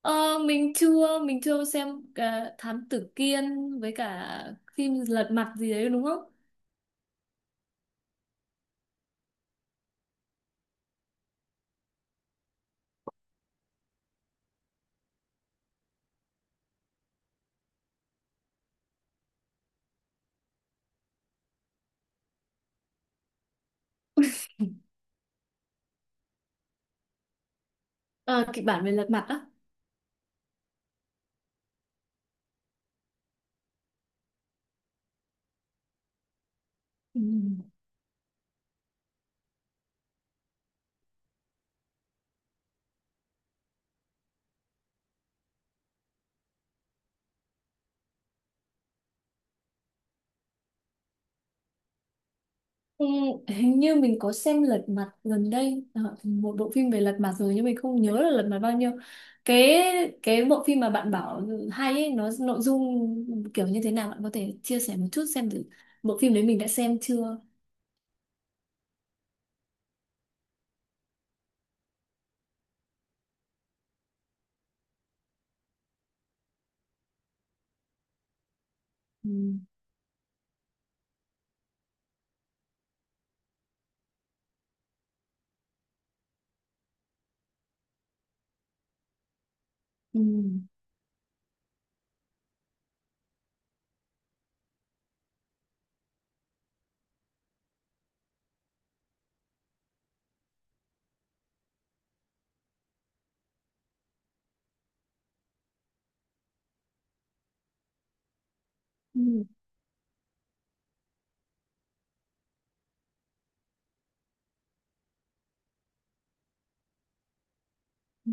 Ờ, mình chưa xem cả Thám Tử Kiên với cả phim Lật Mặt gì đấy đúng không? Ờ, kịch bản về Lật Mặt á. Ừ. Ừ, hình như mình có xem Lật Mặt gần đây một bộ phim về Lật Mặt rồi nhưng mình không nhớ là Lật Mặt bao nhiêu. Cái cái bộ phim mà bạn bảo hay ấy, nó nội dung kiểu như thế nào bạn có thể chia sẻ một chút xem thử bộ phim đấy mình đã xem chưa? Ừ. Ừ. Ừ.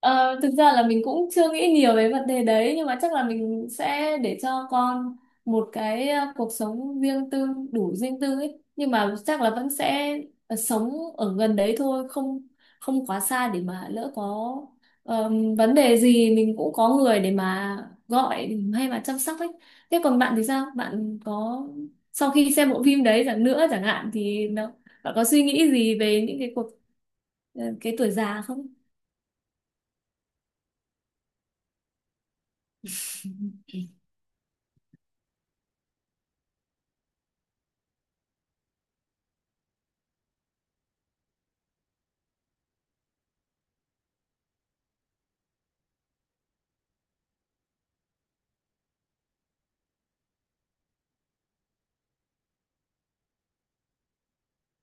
Ờ, thực ra là mình cũng chưa nghĩ nhiều về vấn đề đấy nhưng mà chắc là mình sẽ để cho con một cái cuộc sống riêng tư đủ riêng tư ấy nhưng mà chắc là vẫn sẽ sống ở gần đấy thôi không không quá xa để mà lỡ có ờ, vấn đề gì mình cũng có người để mà gọi hay mà chăm sóc ấy. Thế còn bạn thì sao, bạn có sau khi xem bộ phim đấy chẳng nữa chẳng hạn thì nó, bạn có suy nghĩ gì về những cái cuộc cái tuổi già không?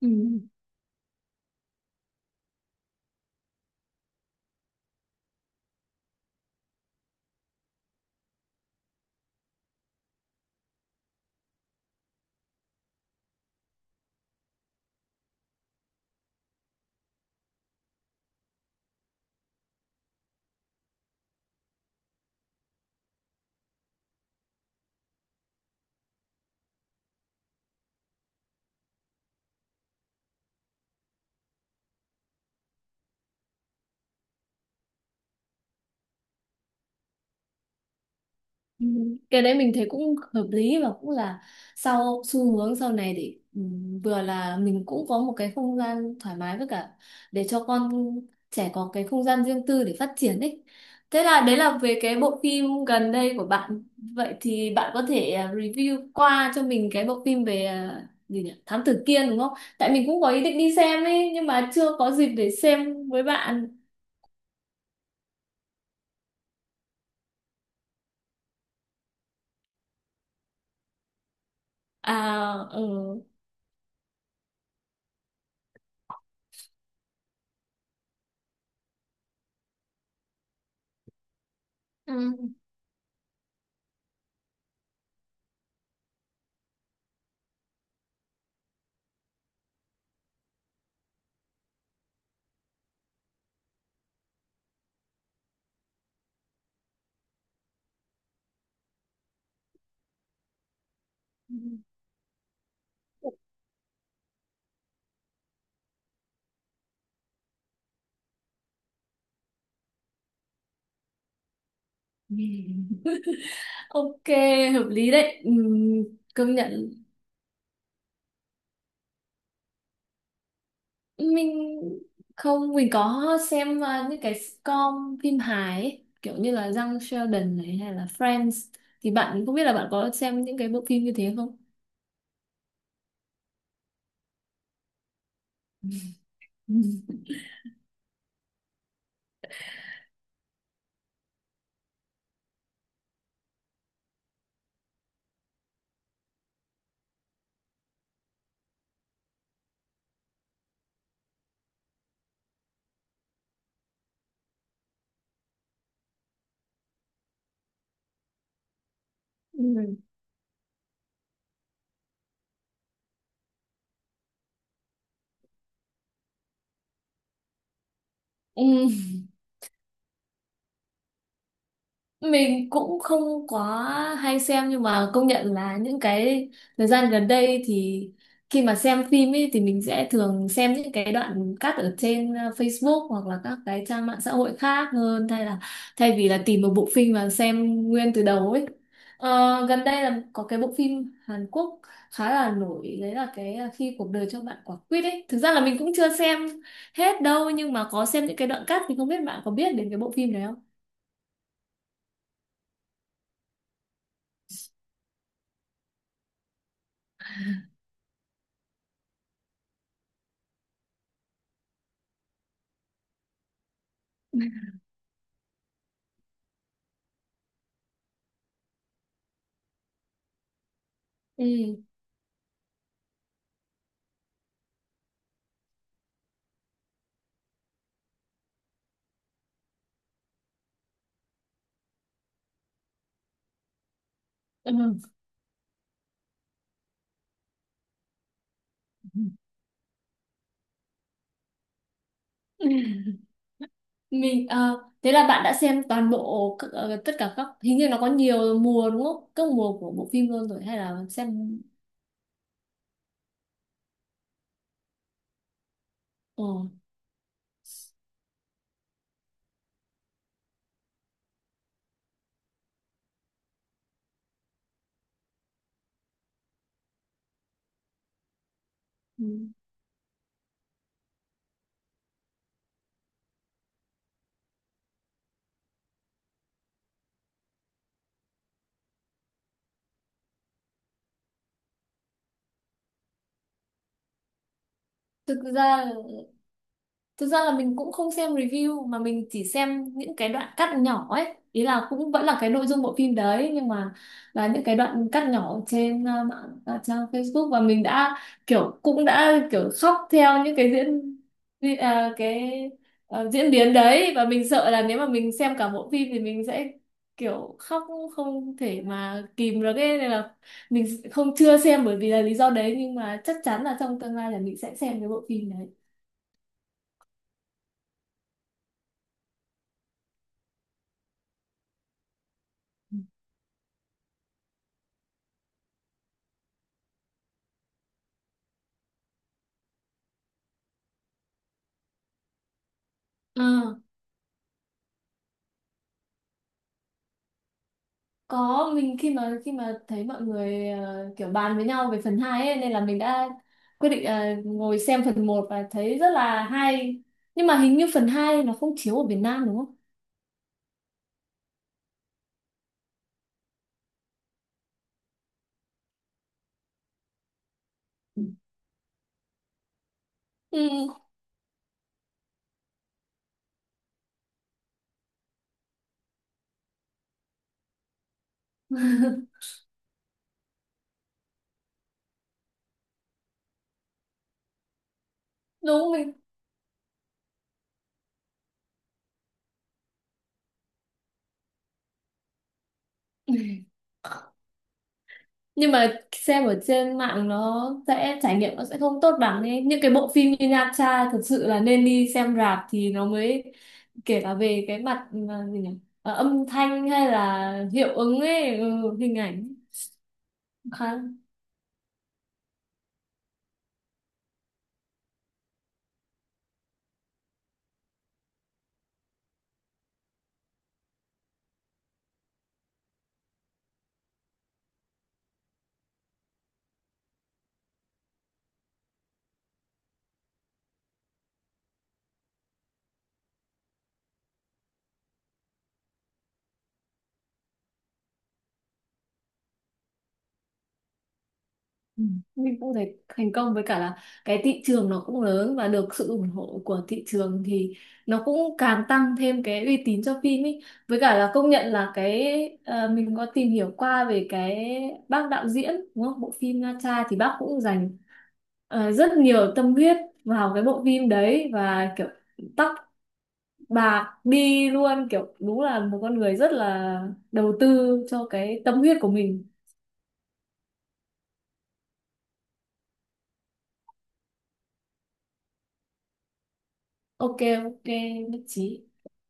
Ừ. Ừ, cái đấy mình thấy cũng hợp lý và cũng là sau xu hướng sau này để vừa là mình cũng có một cái không gian thoải mái với cả để cho con trẻ có cái không gian riêng tư để phát triển đấy. Thế là đấy là về cái bộ phim gần đây của bạn. Vậy thì bạn có thể review qua cho mình cái bộ phim về gì nhỉ? Thám tử Kiên đúng không? Tại mình cũng có ý định đi xem ấy nhưng mà chưa có dịp để xem với bạn. À, ừ. Ừ. Ừ. Ok, hợp lý đấy. Công nhận mình không, mình có xem những cái sitcom phim hài ấy, kiểu như là Young Sheldon này hay là Friends thì bạn không biết là bạn có xem những cái bộ phim như thế không? Ừ. Ừ. Mình cũng không quá hay xem nhưng mà công nhận là những cái thời gian gần đây thì khi mà xem phim ấy thì mình sẽ thường xem những cái đoạn cắt ở trên Facebook hoặc là các cái trang mạng xã hội khác hơn thay vì là tìm một bộ phim mà xem nguyên từ đầu ấy. Ờ, gần đây là có cái bộ phim Hàn Quốc khá là nổi đấy là cái khi cuộc đời cho bạn quả quýt ấy. Thực ra là mình cũng chưa xem hết đâu nhưng mà có xem những cái đoạn cắt thì không biết bạn có biết đến cái bộ phim đấy không? Ừ. Ừ. Mình thế là bạn đã xem toàn bộ ờ, tất cả các, hình như nó có nhiều mùa đúng không, các mùa của bộ phim luôn rồi hay là xem ờ, ừ. thực ra Thực ra là mình cũng không xem review mà mình chỉ xem những cái đoạn cắt nhỏ ấy. Ý là cũng vẫn là cái nội dung bộ phim đấy nhưng mà là những cái đoạn cắt nhỏ trên mạng, trang Facebook và mình đã kiểu cũng đã kiểu khóc theo những cái cái diễn biến đấy và mình sợ là nếu mà mình xem cả bộ phim thì mình sẽ kiểu khóc không thể mà kìm được ấy nên là mình không chưa xem bởi vì là lý do đấy nhưng mà chắc chắn là trong tương lai là mình sẽ xem cái bộ phim đấy. Ừ. Có, mình khi mà thấy mọi người kiểu bàn với nhau về phần 2 ấy, nên là mình đã quyết định ngồi xem phần một và thấy rất là hay. Nhưng mà hình như phần 2 nó không chiếu ở Việt Nam đúng không? Ừ, đúng mình. Nhưng mà xem ở trên mạng nó sẽ trải nghiệm nó sẽ không tốt bằng ấy. Những cái bộ phim như Nha Tra thật sự là nên đi xem rạp thì nó mới kể cả về cái mặt gì nhỉ? Ờ, âm thanh hay là hiệu ứng ấy, ừ, hình ảnh khá. Ừ. Mình cũng thấy thành công với cả là cái thị trường nó cũng lớn và được sự ủng hộ của thị trường thì nó cũng càng tăng thêm cái uy tín cho phim ý. Với cả là công nhận là cái mình có tìm hiểu qua về cái bác đạo diễn đúng không? Bộ phim Nha Tra thì bác cũng dành rất nhiều tâm huyết vào cái bộ phim đấy và kiểu tóc bạc đi luôn, kiểu đúng là một con người rất là đầu tư cho cái tâm huyết của mình. Ok, ok, nhất trí.